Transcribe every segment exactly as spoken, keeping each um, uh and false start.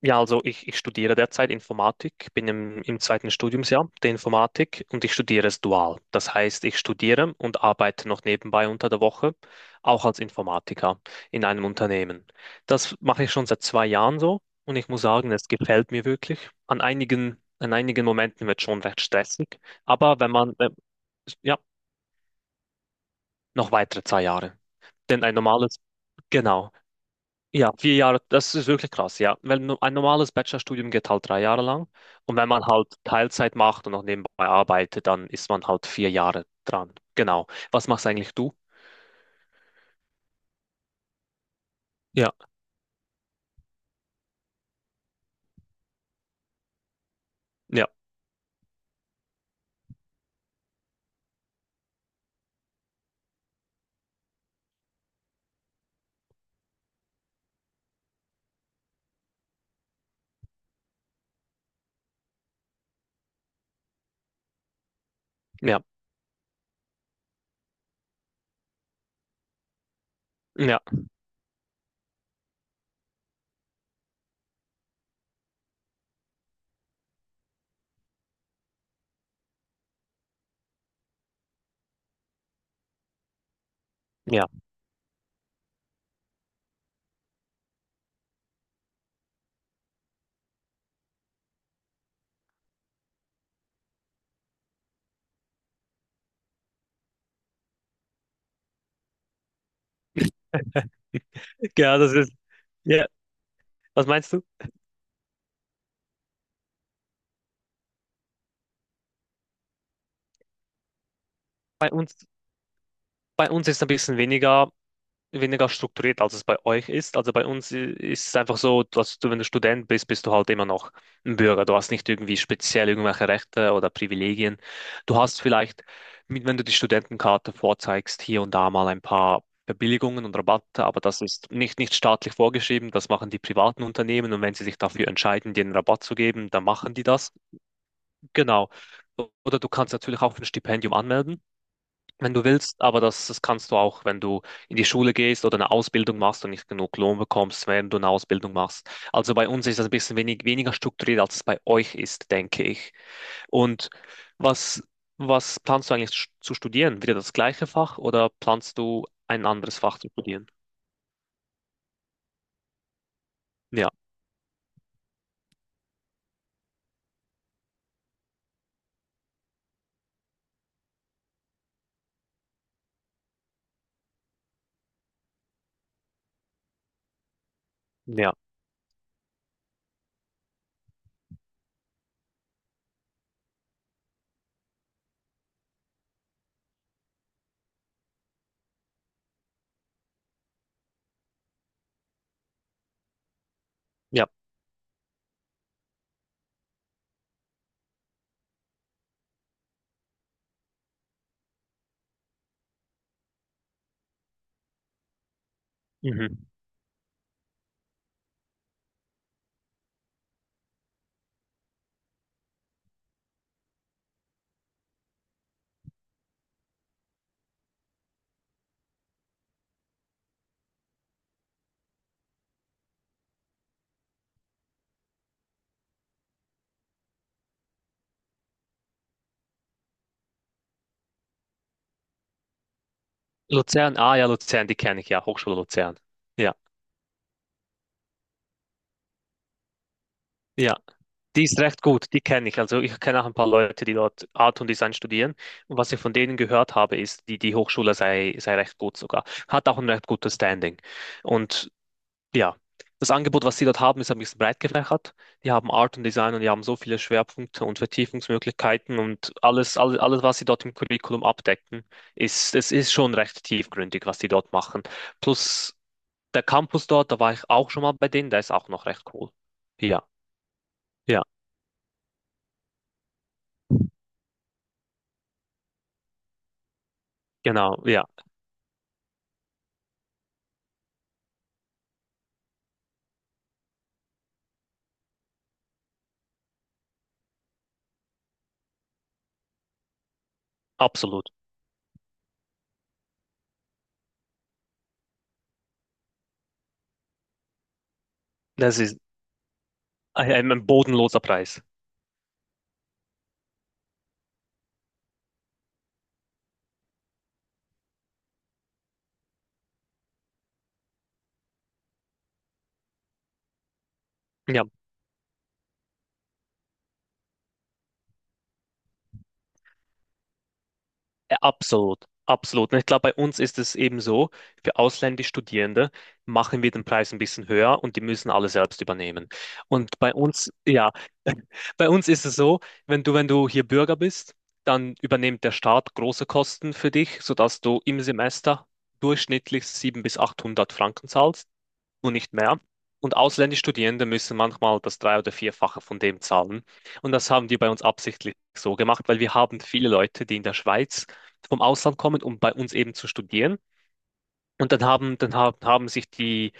Ja, also ich, ich studiere derzeit Informatik, bin im, im zweiten Studiumsjahr der Informatik und ich studiere es dual. Das heißt, ich studiere und arbeite noch nebenbei unter der Woche, auch als Informatiker in einem Unternehmen. Das mache ich schon seit zwei Jahren so und ich muss sagen, es gefällt mir wirklich. An einigen, an einigen Momenten wird es schon recht stressig, aber wenn man, äh, ja, noch weitere zwei Jahre. Denn ein normales, genau, ja, vier Jahre, das ist wirklich krass, ja. Weil no- ein normales Bachelorstudium geht halt drei Jahre lang. Und wenn man halt Teilzeit macht und noch nebenbei arbeitet, dann ist man halt vier Jahre dran. Genau. Was machst eigentlich du? Ja, ja, ja, ja, ja. Ja, das ist, ja. Was meinst du? Bei uns, bei uns ist ein bisschen weniger, weniger strukturiert, als es bei euch ist. Also bei uns äh, ist es einfach so, dass du, wenn du Student bist, bist du halt immer noch ein Bürger. Du hast nicht irgendwie speziell irgendwelche Rechte oder Privilegien. Du hast vielleicht, mit- wenn du die Studentenkarte vorzeigst, hier und da mal ein paar Verbilligungen und Rabatte, aber das ist nicht, nicht staatlich vorgeschrieben. Das machen die privaten Unternehmen, und wenn sie sich dafür entscheiden, dir einen Rabatt zu geben, dann machen die das. Genau. Oder du kannst natürlich auch für ein Stipendium anmelden, wenn du willst, aber das, das kannst du auch, wenn du in die Schule gehst oder eine Ausbildung machst und nicht genug Lohn bekommst, während du eine Ausbildung machst. Also bei uns ist das ein bisschen wenig, weniger strukturiert, als es bei euch ist, denke ich. Und was, was planst du eigentlich sch- zu studieren? Wieder das gleiche Fach, oder planst du ein anderes Fach zu studieren? Ja, ja, ja. Mhm. Luzern, ah ja, Luzern, die kenne ich ja, Hochschule Luzern. Ja, ja. Die ist recht gut, die kenne ich. Also ich kenne auch ein paar Leute, die dort Art und Design studieren. Und was ich von denen gehört habe, ist, die, die Hochschule sei, sei recht gut sogar. Hat auch ein recht gutes Standing. Und ja, das Angebot, was sie dort haben, ist ein bisschen breit gefächert. Die haben Art und Design und die haben so viele Schwerpunkte und Vertiefungsmöglichkeiten, und alles, alles, alles, was sie dort im Curriculum abdecken, ist, es ist schon recht tiefgründig, was die dort machen. Plus der Campus dort, da war ich auch schon mal bei denen, der ist auch noch recht cool. Ja, ja, genau, ja. Absolut. Das ist ein, ein bodenloser Preis. Ja, äh, absolut. Absolut. Und ich glaube, bei uns ist es eben so, für ausländische Studierende machen wir den Preis ein bisschen höher und die müssen alle selbst übernehmen. Und bei uns, ja, bei uns ist es so, wenn du, wenn du hier Bürger bist, dann übernimmt der Staat große Kosten für dich, sodass du im Semester durchschnittlich siebenhundert bis achthundert Franken zahlst und nicht mehr. Und ausländische Studierende müssen manchmal das Drei- oder Vierfache von dem zahlen. Und das haben die bei uns absichtlich so gemacht, weil wir haben viele Leute, die in der Schweiz vom Ausland kommen, um bei uns eben zu studieren. Und dann haben, dann haben, haben sich die,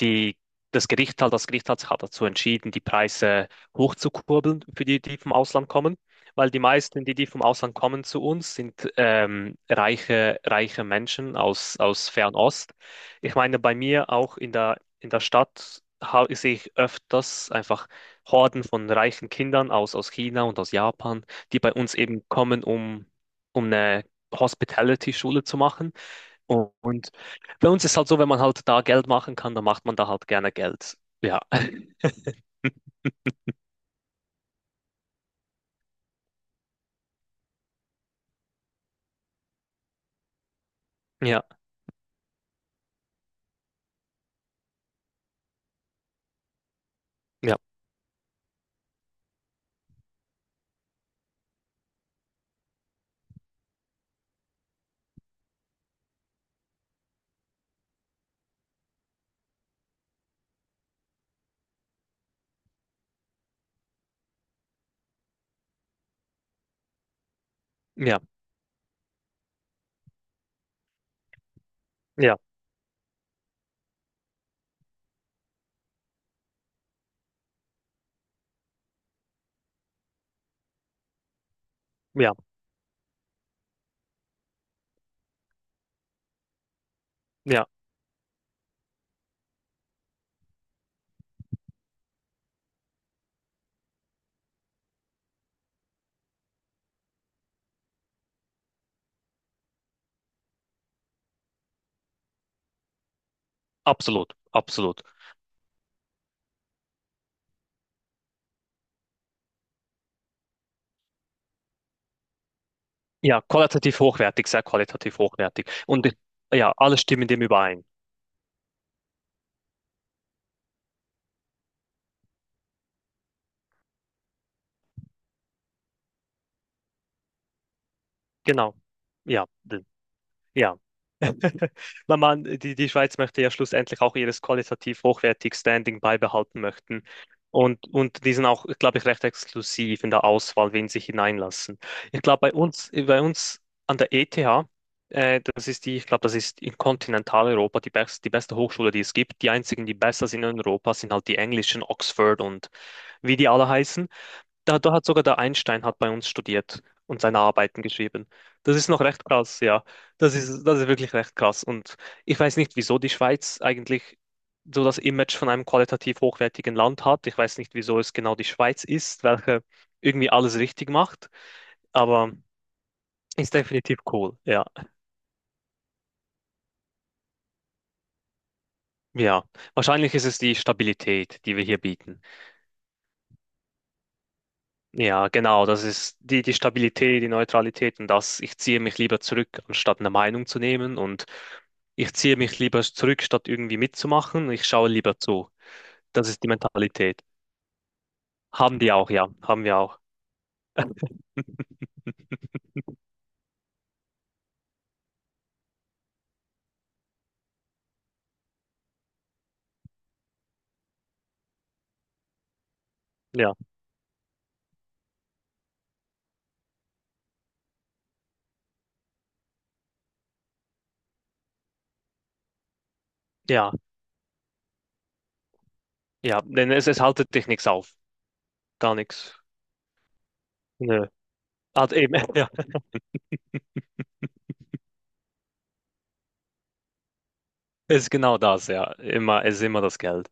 die, das Gericht halt, das Gericht hat sich halt dazu entschieden, die Preise hochzukurbeln für die, die vom Ausland kommen, weil die meisten, die, die vom Ausland kommen zu uns, sind ähm, reiche, reiche Menschen aus, aus Fernost. Ich meine, bei mir auch in der, in der Stadt ha- sehe ich öfters einfach Horden von reichen Kindern aus, aus China und aus Japan, die bei uns eben kommen, um, um eine Hospitality-Schule zu machen. Und bei uns ist halt so, wenn man halt da Geld machen kann, dann macht man da halt gerne Geld. Ja, ja, ja, ja, ja, ja, ja, absolut, absolut. Ja, qualitativ hochwertig, sehr qualitativ hochwertig. Und ja, alle stimmen dem überein. Genau. Ja, ja. Weil man, die, die Schweiz möchte ja schlussendlich auch ihres qualitativ hochwertig Standing beibehalten möchten. Und, und die sind auch, glaube ich, recht exklusiv in der Auswahl, wen sie hineinlassen. Ich glaube, bei uns, bei uns an der E T H, äh, das ist die, ich glaube, das ist in Kontinentaleuropa die best, die beste Hochschule, die es gibt. Die einzigen, die besser sind in Europa, sind halt die englischen, Oxford und wie die alle heißen. Da, da hat sogar der Einstein hat bei uns studiert und seine Arbeiten geschrieben. Das ist noch recht krass, ja. Das ist, das ist wirklich recht krass. Und ich weiß nicht, wieso die Schweiz eigentlich so das Image von einem qualitativ hochwertigen Land hat. Ich weiß nicht, wieso es genau die Schweiz ist, welche irgendwie alles richtig macht. Aber ist definitiv cool, ja. Ja, wahrscheinlich ist es die Stabilität, die wir hier bieten. Ja, genau, das ist die, die Stabilität, die Neutralität und das, ich ziehe mich lieber zurück, anstatt eine Meinung zu nehmen, und ich ziehe mich lieber zurück, statt irgendwie mitzumachen. Ich schaue lieber zu. Das ist die Mentalität. Haben die auch, ja, haben wir auch. Ja, ja, ja, denn es, es haltet dich nichts auf, gar nichts. Nö. Hat eben, ja, es ist genau das, ja, immer, es ist immer das Geld.